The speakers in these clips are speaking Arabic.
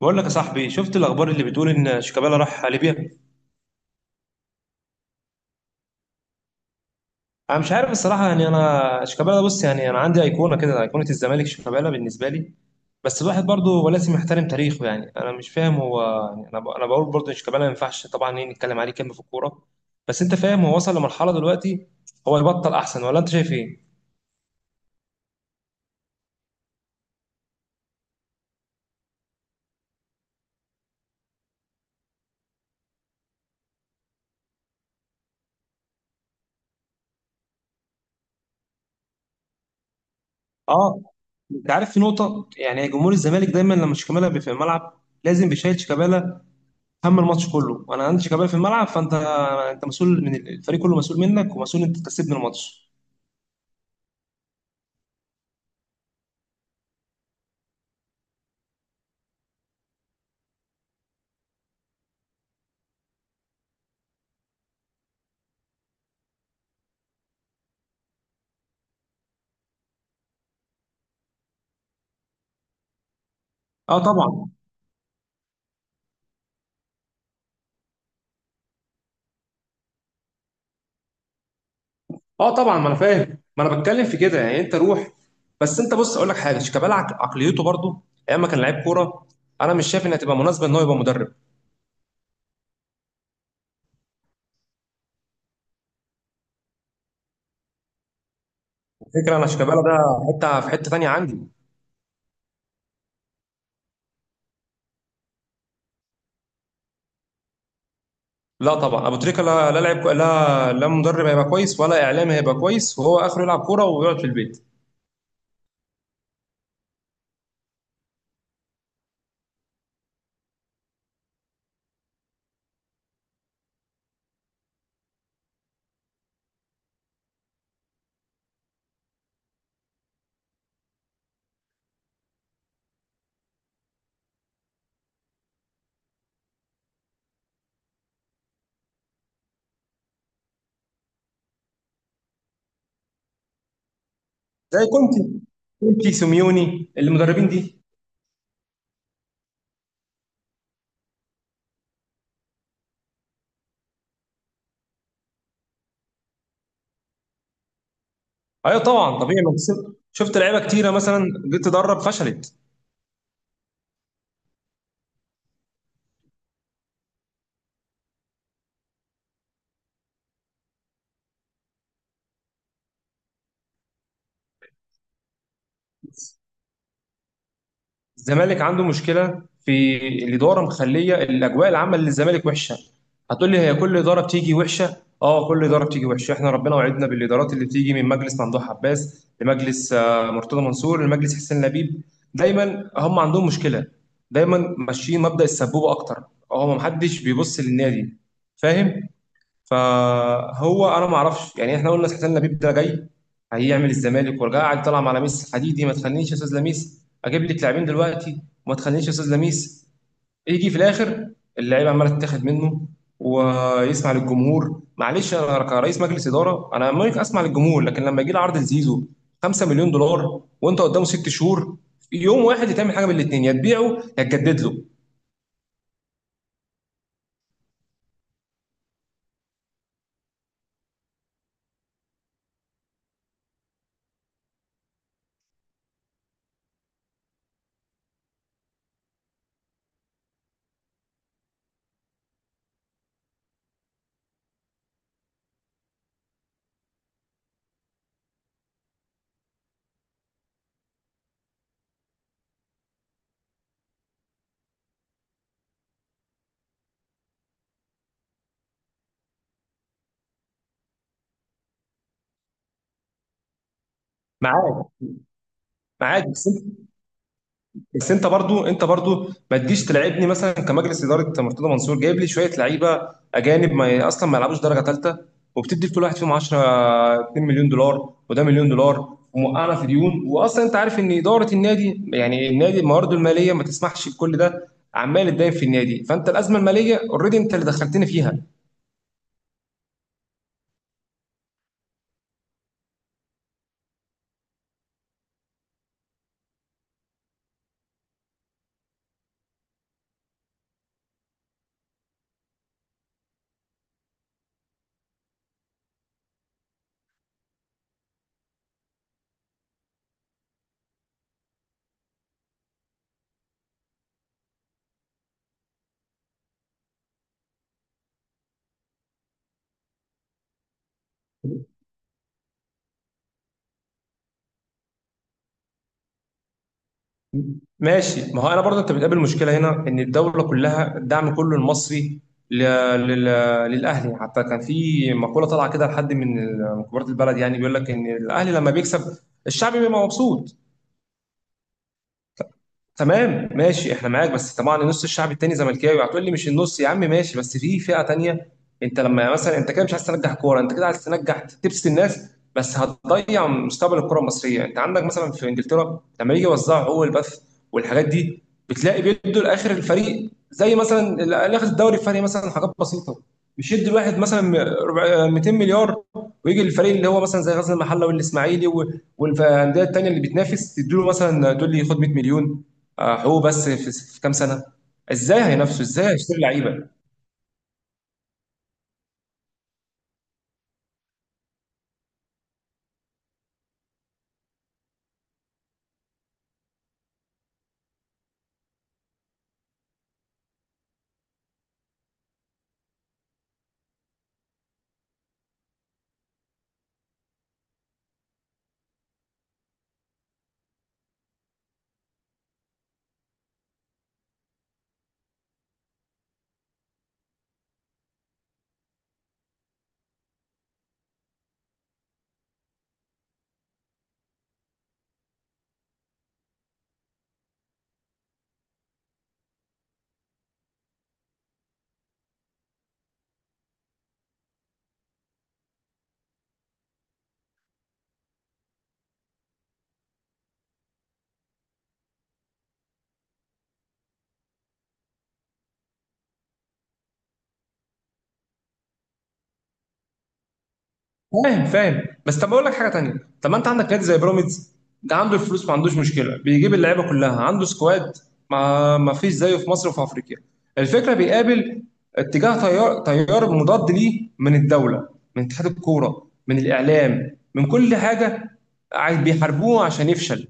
بقول لك يا صاحبي، شفت الاخبار اللي بتقول ان شيكابالا راح ليبيا؟ انا مش عارف الصراحه، يعني انا شيكابالا بص، يعني انا عندي ايقونه كده، ايقونه الزمالك شيكابالا بالنسبه لي. بس الواحد برضه ولازم يحترم تاريخه، يعني انا مش فاهم هو. يعني انا بقول برضه ان شيكابالا ما ينفعش طبعا ايه نتكلم عليه كلمه في الكوره. بس انت فاهم هو وصل لمرحله دلوقتي. هو يبطل احسن ولا انت شايف ايه؟ اه. انت عارف في نقطه، يعني جمهور الزمالك دايما لما شيكابالا بيبقى في الملعب لازم بيشيل شيكابالا هم الماتش كله، وانا عندي شيكابالا في الملعب. فانت انت مسؤول من الفريق كله، مسؤول منك، ومسؤول انت تكسبني الماتش. اه طبعا. اه طبعا، ما انا فاهم، ما انا بتكلم في كده، يعني انت روح. بس انت بص اقول لك حاجه، شيكابالا عقليته برضه ايام ما كان لعيب كوره. انا مش شايف انها تبقى مناسبه ان هو يبقى مدرب. الفكره انا شيكابالا ده حته، في حته تانيه عندي. لا طبعا، ابو تريكه لا لا، لعيب لا لا، مدرب هيبقى كويس، ولا اعلامي هيبقى كويس وهو اخره يلعب كوره ويقعد في البيت. زي كونتي، كونتي سيميوني، المدربين دي. ايوه طبعا طبيعي، ما تسيب- شفت لعيبه كتيره مثلا جيت تدرب فشلت. الزمالك عنده مشكله في الاداره مخليه الاجواء العامه للزمالك وحشه. هتقول لي هي كل اداره بتيجي وحشه، اه كل اداره بتيجي وحشه، احنا ربنا وعدنا بالادارات اللي بتيجي، من مجلس ممدوح عباس لمجلس آه، مرتضى منصور لمجلس حسين لبيب. دايما هم عندهم مشكله، دايما ماشيين مبدأ السبوبه اكتر. آه، هو محدش بيبص للنادي. فاهم. فهو انا ما اعرفش، يعني احنا قلنا حسين لبيب ده جاي هيعمل الزمالك ورجع قاعد طلع على ميسي حديدي، ما تخلينيش يا استاذ لميس اجيب لك لاعبين دلوقتي، وما تخلينيش يا استاذ لميس. يجي في الاخر اللعيبه عماله تتاخد منه، ويسمع للجمهور. معلش، انا كرئيس مجلس اداره انا ممكن اسمع للجمهور، لكن لما يجي لي عرض لزيزو 5 مليون دولار وانت قدامه ست شهور، يوم واحد يتعمل حاجه من الاثنين، يا تبيعه يا تجدد له. معاك. معاك، بس. بس انت برضو ما تجيش تلعبني مثلا كمجلس اداره مرتضى منصور جايب لي شويه لعيبه اجانب، ما اصلا ما يلعبوش درجه ثالثه، وبتدي لكل واحد فيهم 10، 2 مليون دولار وده مليون دولار، وموقعنا في ديون، واصلا انت عارف ان اداره النادي، يعني النادي موارده الماليه ما تسمحش بكل ده. عمال اتداين في النادي، فانت الازمه الماليه اوريدي انت اللي دخلتني فيها. ماشي، ما هو انا برضه انت بتقابل مشكله هنا ان الدوله كلها الدعم كله المصري ل- لل- للاهلي. حتى كان في مقوله طالعه كده لحد من من كبار البلد، يعني بيقول لك ان الاهلي لما بيكسب الشعب بيبقى مبسوط. تمام ماشي احنا معاك، بس طبعا نص الشعب التاني زملكاوي. هتقول لي مش النص يا عم، ماشي، بس في فئة تانية. انت لما مثلا انت كده مش عايز تنجح كورة، انت كده عايز تنجح تبسط الناس، بس هتضيع مستقبل الكرة المصرية. انت عندك مثلا في انجلترا لما يجي يوزعوا هو البث والحاجات دي، بتلاقي بيدوا لاخر الفريق زي مثلا اللي اخذ الدوري الفريق مثلا حاجات بسيطة، مش يدي الواحد مثلا 200 مليار، ويجي الفريق اللي هو مثلا زي غزل المحله والاسماعيلي والانديه التانيه اللي بتنافس تديله مثلا، تقول لي خد 100 مليون. آه، هو بس في كام سنه ازاي هينافسوا، ازاي هيشتري لعيبه. فاهم فاهم، بس طب اقول لك حاجه تانيه. طب ما انت عندك نادي زي بيراميدز، ده عنده الفلوس، ما عندوش مشكله، بيجيب اللعيبه كلها عنده سكواد ما فيش زيه في مصر وفي افريقيا. الفكره بيقابل اتجاه، تيار مضاد ليه من الدوله، من اتحاد الكوره، من الاعلام، من كل حاجه. بيحاربوه عشان يفشل.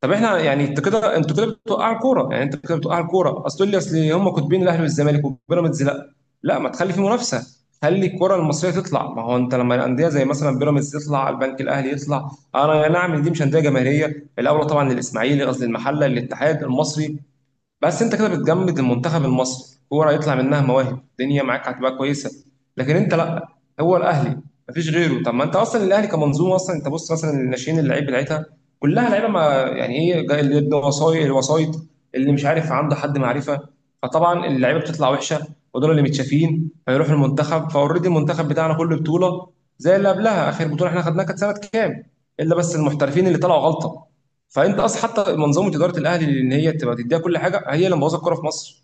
طب احنا يعني انت كده، انتوا كده بتوقعوا الكوره، يعني انت كده بتوقعوا الكوره اصل. تقول لي اصل هم كاتبين الاهلي والزمالك وبيراميدز، لا لا، ما تخلي في منافسه، خلي الكره المصريه تطلع. ما هو انت لما الانديه زي مثلا بيراميدز تطلع، البنك الاهلي يطلع، انا يا نعم دي مش انديه جماهيريه الاولى طبعا للاسماعيلي، قصدي المحله، للاتحاد المصري، بس انت كده بتجمد المنتخب المصري. كوره يطلع منها مواهب الدنيا معاك هتبقى كويسه، لكن انت لا، هو الاهلي مفيش غيره. طب ما انت اصلا الاهلي كمنظومه اصلا، انت بص مثلا الناشئين، اللعيب بتاعتها كلها لعيبه ما، يعني ايه جاي اللي عنده وسايط، الوسايط اللي مش عارف عنده حد معرفه، فطبعا اللعيبه بتطلع وحشه، ودول اللي متشافين فيروح المنتخب. فاوريدي المنتخب بتاعنا كل بطوله زي اللي قبلها. اخر بطوله احنا خدناها كانت سنه كام؟ الا بس المحترفين اللي طلعوا غلطه. فانت اصلا حتى منظومه اداره الاهلي ان هي تبقى تديها كل حاجه هي اللي مبوظه الكوره في مصر.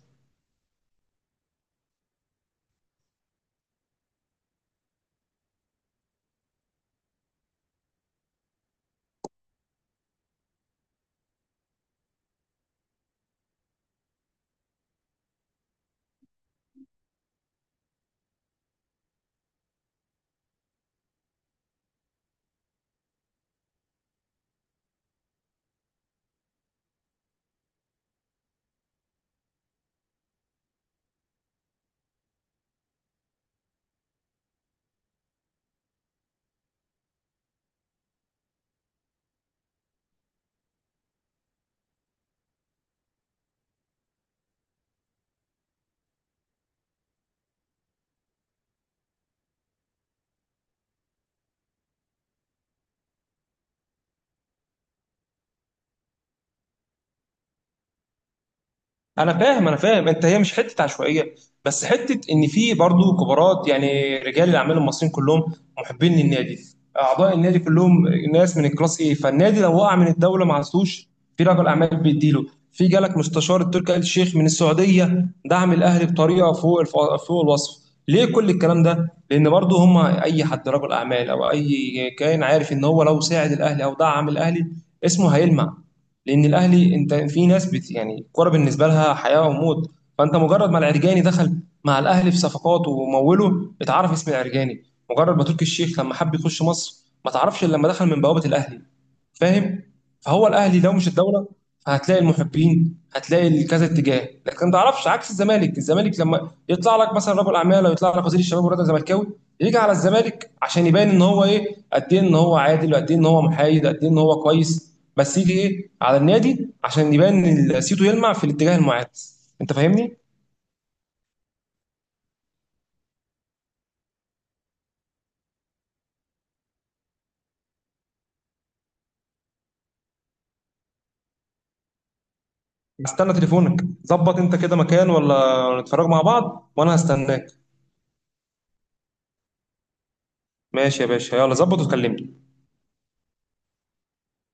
انا فاهم انا فاهم، انت هي مش حته عشوائيه، بس حته ان في برضو كبارات، يعني رجال الاعمال المصريين كلهم محبين للنادي، اعضاء النادي كلهم ناس من الكلاس ايه، فالنادي لو وقع من الدوله ما عزوش، في رجل اعمال بيديله، في جالك مستشار التركي آل الشيخ من السعوديه دعم الاهلي بطريقه فوق الوصف. ليه كل الكلام ده؟ لان برضو هم اي حد رجل اعمال او اي كائن عارف ان هو لو ساعد الاهلي او دعم الاهلي اسمه هيلمع، لان الاهلي انت في ناس بت، يعني الكوره بالنسبه لها حياه وموت. فانت مجرد ما العرجاني دخل مع الاهلي في صفقات وموله اتعرف اسم العرجاني، مجرد ما تركي الشيخ لما حب يخش مصر ما تعرفش إلا لما دخل من بوابه الاهلي. فاهم. فهو الاهلي لو مش الدوله هتلاقي المحبين، هتلاقي كذا اتجاه، لكن ما تعرفش عكس الزمالك. الزمالك لما يطلع لك مثلا رجل اعمال او يطلع لك وزير الشباب والرياضه زملكاوي، يجي على الزمالك عشان يبان ان هو ايه، قد ايه ان هو عادل، وقد ايه ان هو محايد، قد ايه ان هو كويس، بس يجي ايه على النادي عشان يبان ان سيتو يلمع في الاتجاه المعاد. انت فاهمني. استنى تليفونك ظبط انت كده مكان ولا، نتفرج مع بعض وانا هستناك. ماشي يا باشا، يلا ظبط وكلمني.